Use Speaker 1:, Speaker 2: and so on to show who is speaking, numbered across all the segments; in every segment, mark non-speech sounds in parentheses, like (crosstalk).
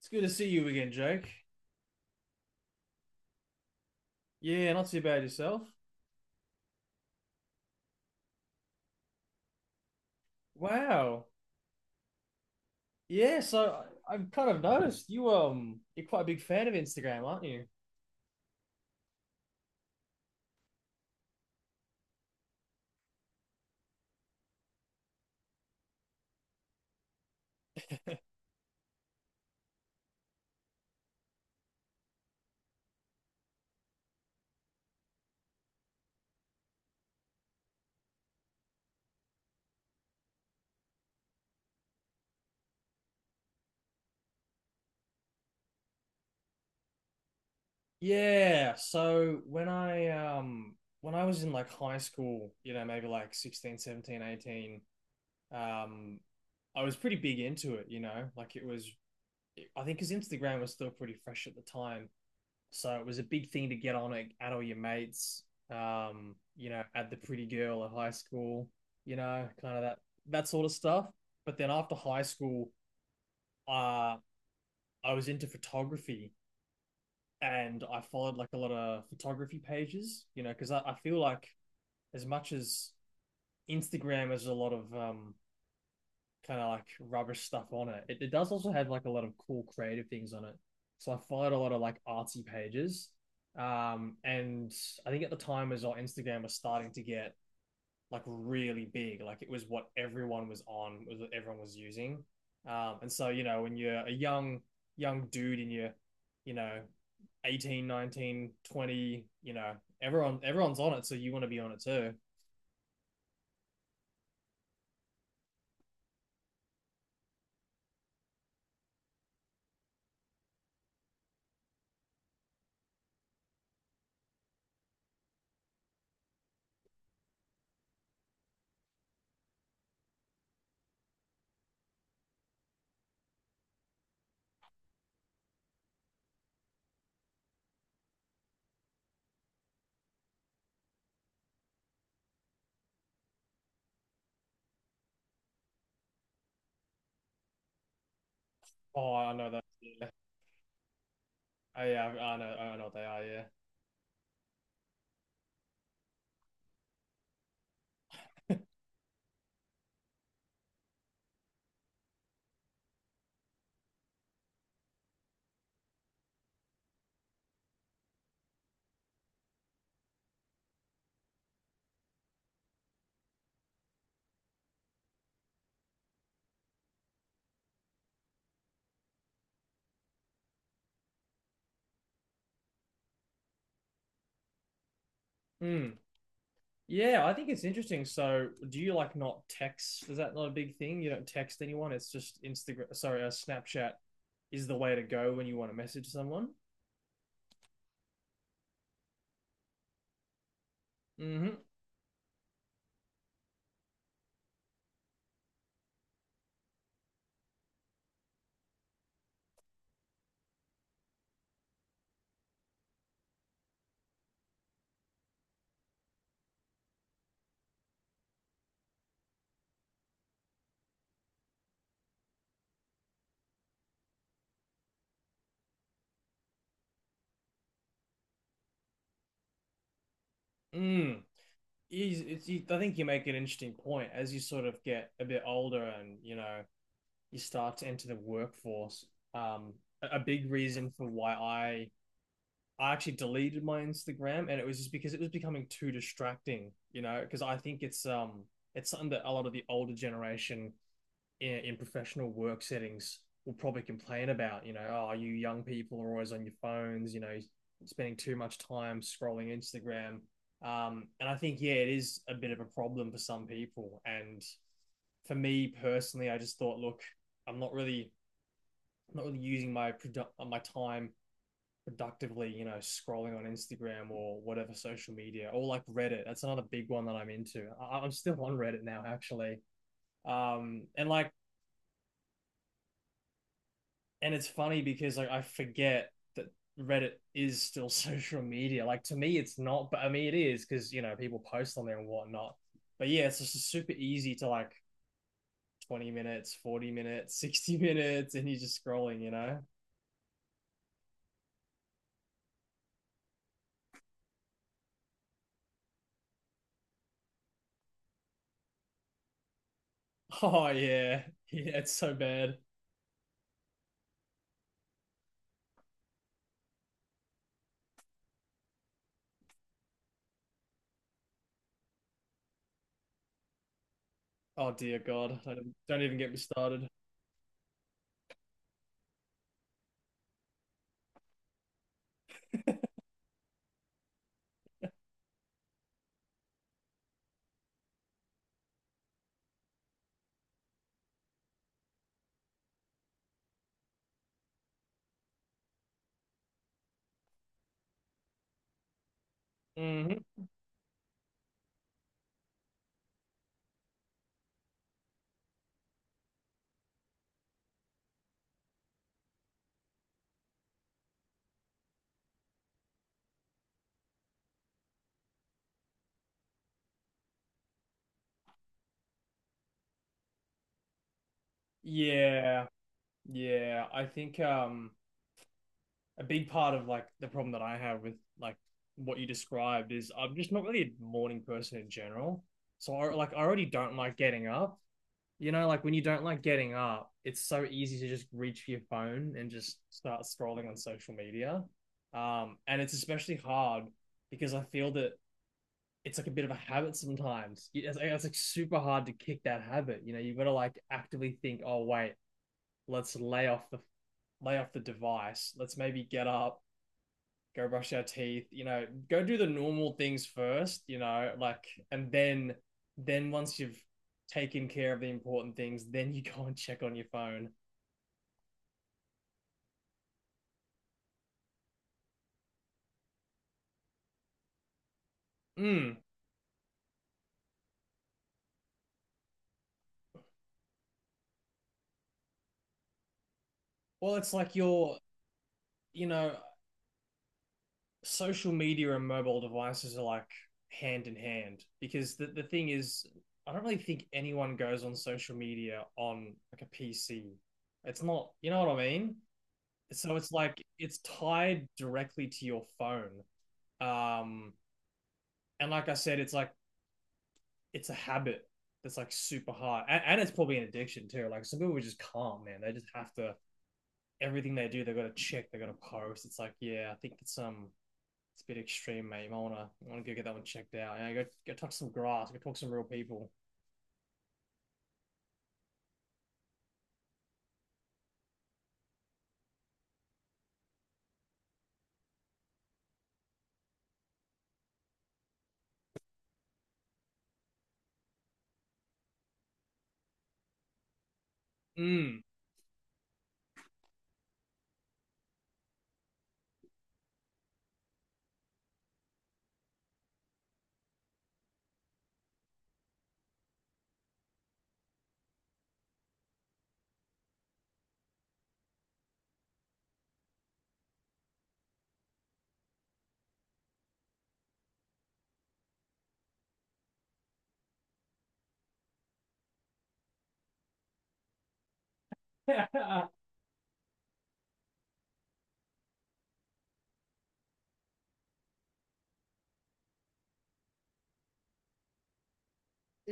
Speaker 1: It's good to see you again, Jake. Yeah, not too bad yourself. Wow. Yeah, so I've kind of noticed you you're quite a big fan of Instagram, aren't you? Yeah, so when I was in like high school, you know, maybe like 16, 17, 18, um I was pretty big into it, you know? Like it was I think 'cause Instagram was still pretty fresh at the time. So it was a big thing to get on at all your mates, you know, at the pretty girl at high school, you know, kind of that sort of stuff. But then after high school, uh, I was into photography and I followed like a lot of photography pages, you know, because I feel like as much as Instagram is a lot of kind of like rubbish stuff on it. It does also have like a lot of cool creative things on it. So I followed a lot of like artsy pages. And I think at the time as well, Instagram was starting to get like really big. Like it was what everyone was on, was what everyone was using. And so, you know, when you're a young dude and you're, you know, 18, 19, 20, you know, everyone's on it. So you want to be on it too. Oh, I know that. Yeah. Oh, yeah. I know what they are. Yeah. Hmm. Yeah, I think it's interesting. So, do you like not text? Is that not a big thing? You don't text anyone. It's just Instagram. Sorry, Snapchat is the way to go when you want to message someone. Hmm. Mm. I think you make an interesting point as you sort of get a bit older and you know you start to enter the workforce. Um, a big reason for why I actually deleted my Instagram, and it was just because it was becoming too distracting. You know, because I think it's something that a lot of the older generation in professional work settings will probably complain about, you know, oh, you young people are always on your phones, you know, spending too much time scrolling Instagram. And I think, yeah, it is a bit of a problem for some people. And for me personally, I just thought, look, I'm not really, I'm not really using my my time productively, you know, scrolling on Instagram or whatever social media or like Reddit. That's another big one that I'm into. I'm still on Reddit now, actually. Um, and like and it's funny because like I forget that Reddit is still (laughs) social media. Like to me, it's not, but I mean it is because you know people post on there and whatnot. But yeah, it's just super easy to like 20 minutes, 40 minutes, (laughs) 60 minutes, and you're just scrolling. You know? (laughs) Oh yeah, yeah, it's so bad. Oh dear God, don't even get me started. Hmm. Yeah, yeah. I think a big part of like the problem that I have with like what you described is I'm just not really a morning person in general. So I already don't like getting up. You know, like when you don't like getting up, it's so easy to just reach for your phone and just start scrolling on social media. And it's especially hard because I feel that it's like a bit of a habit sometimes. It's like super hard to kick that habit. You know, you've got to like actively think, oh wait, let's lay off the device. Let's maybe get up, go brush our teeth, you know, go do the normal things first, you know, like, and then, then once you've taken care of the important things, then you (laughs) go and check on your phone. Mm. Well, it's like your, you know, social media and mobile devices are like hand in hand because the thing is, I don't really think anyone goes on social media on like a PC. It's not, you know what I mean? So it's like it's tied directly to your phone. Um, And like I said, it's like it's a habit that's like super hard, and it's probably an addiction too. Like some people are just calm, man. They just have to Everything they do, they got to check, they got to post. It's like, yeah, I think it's a bit extreme, mate. I wanna go get that one checked out. Yeah, go touch some grass, go talk to some real people. Mm. (laughs) yeah,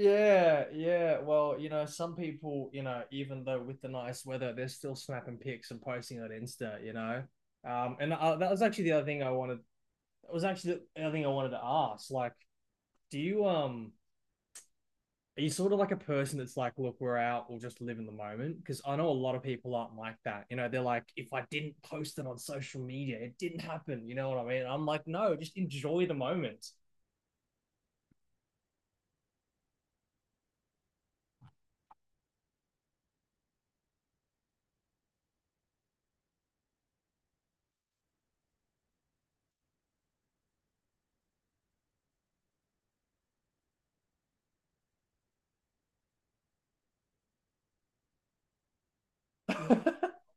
Speaker 1: yeah. Well, you know, some people, you know, even though with the nice weather, they're still snapping pics and posting on Insta. You know, and that was actually the other thing I wanted. It was actually the other thing I wanted to ask. Like, do you are you sort of like a person that's like, look, we're out, we'll just live in the moment? Because I know a lot of people aren't like that. You know, they're like, if I didn't post it on social media, it didn't happen. You know what I mean? I'm like, no, just enjoy the moment. (laughs)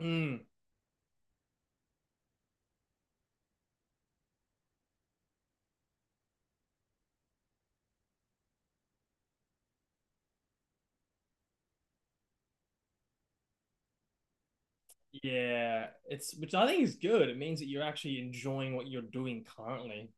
Speaker 1: Mm, yeah, it's which I think is good. It means that you're actually enjoying what you're doing currently.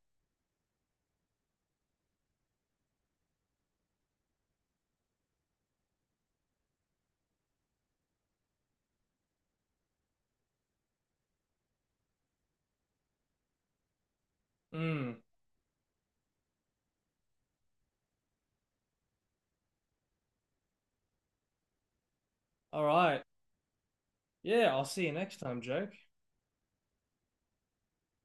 Speaker 1: Mm, all right. Yeah, I'll see you next time, Jake.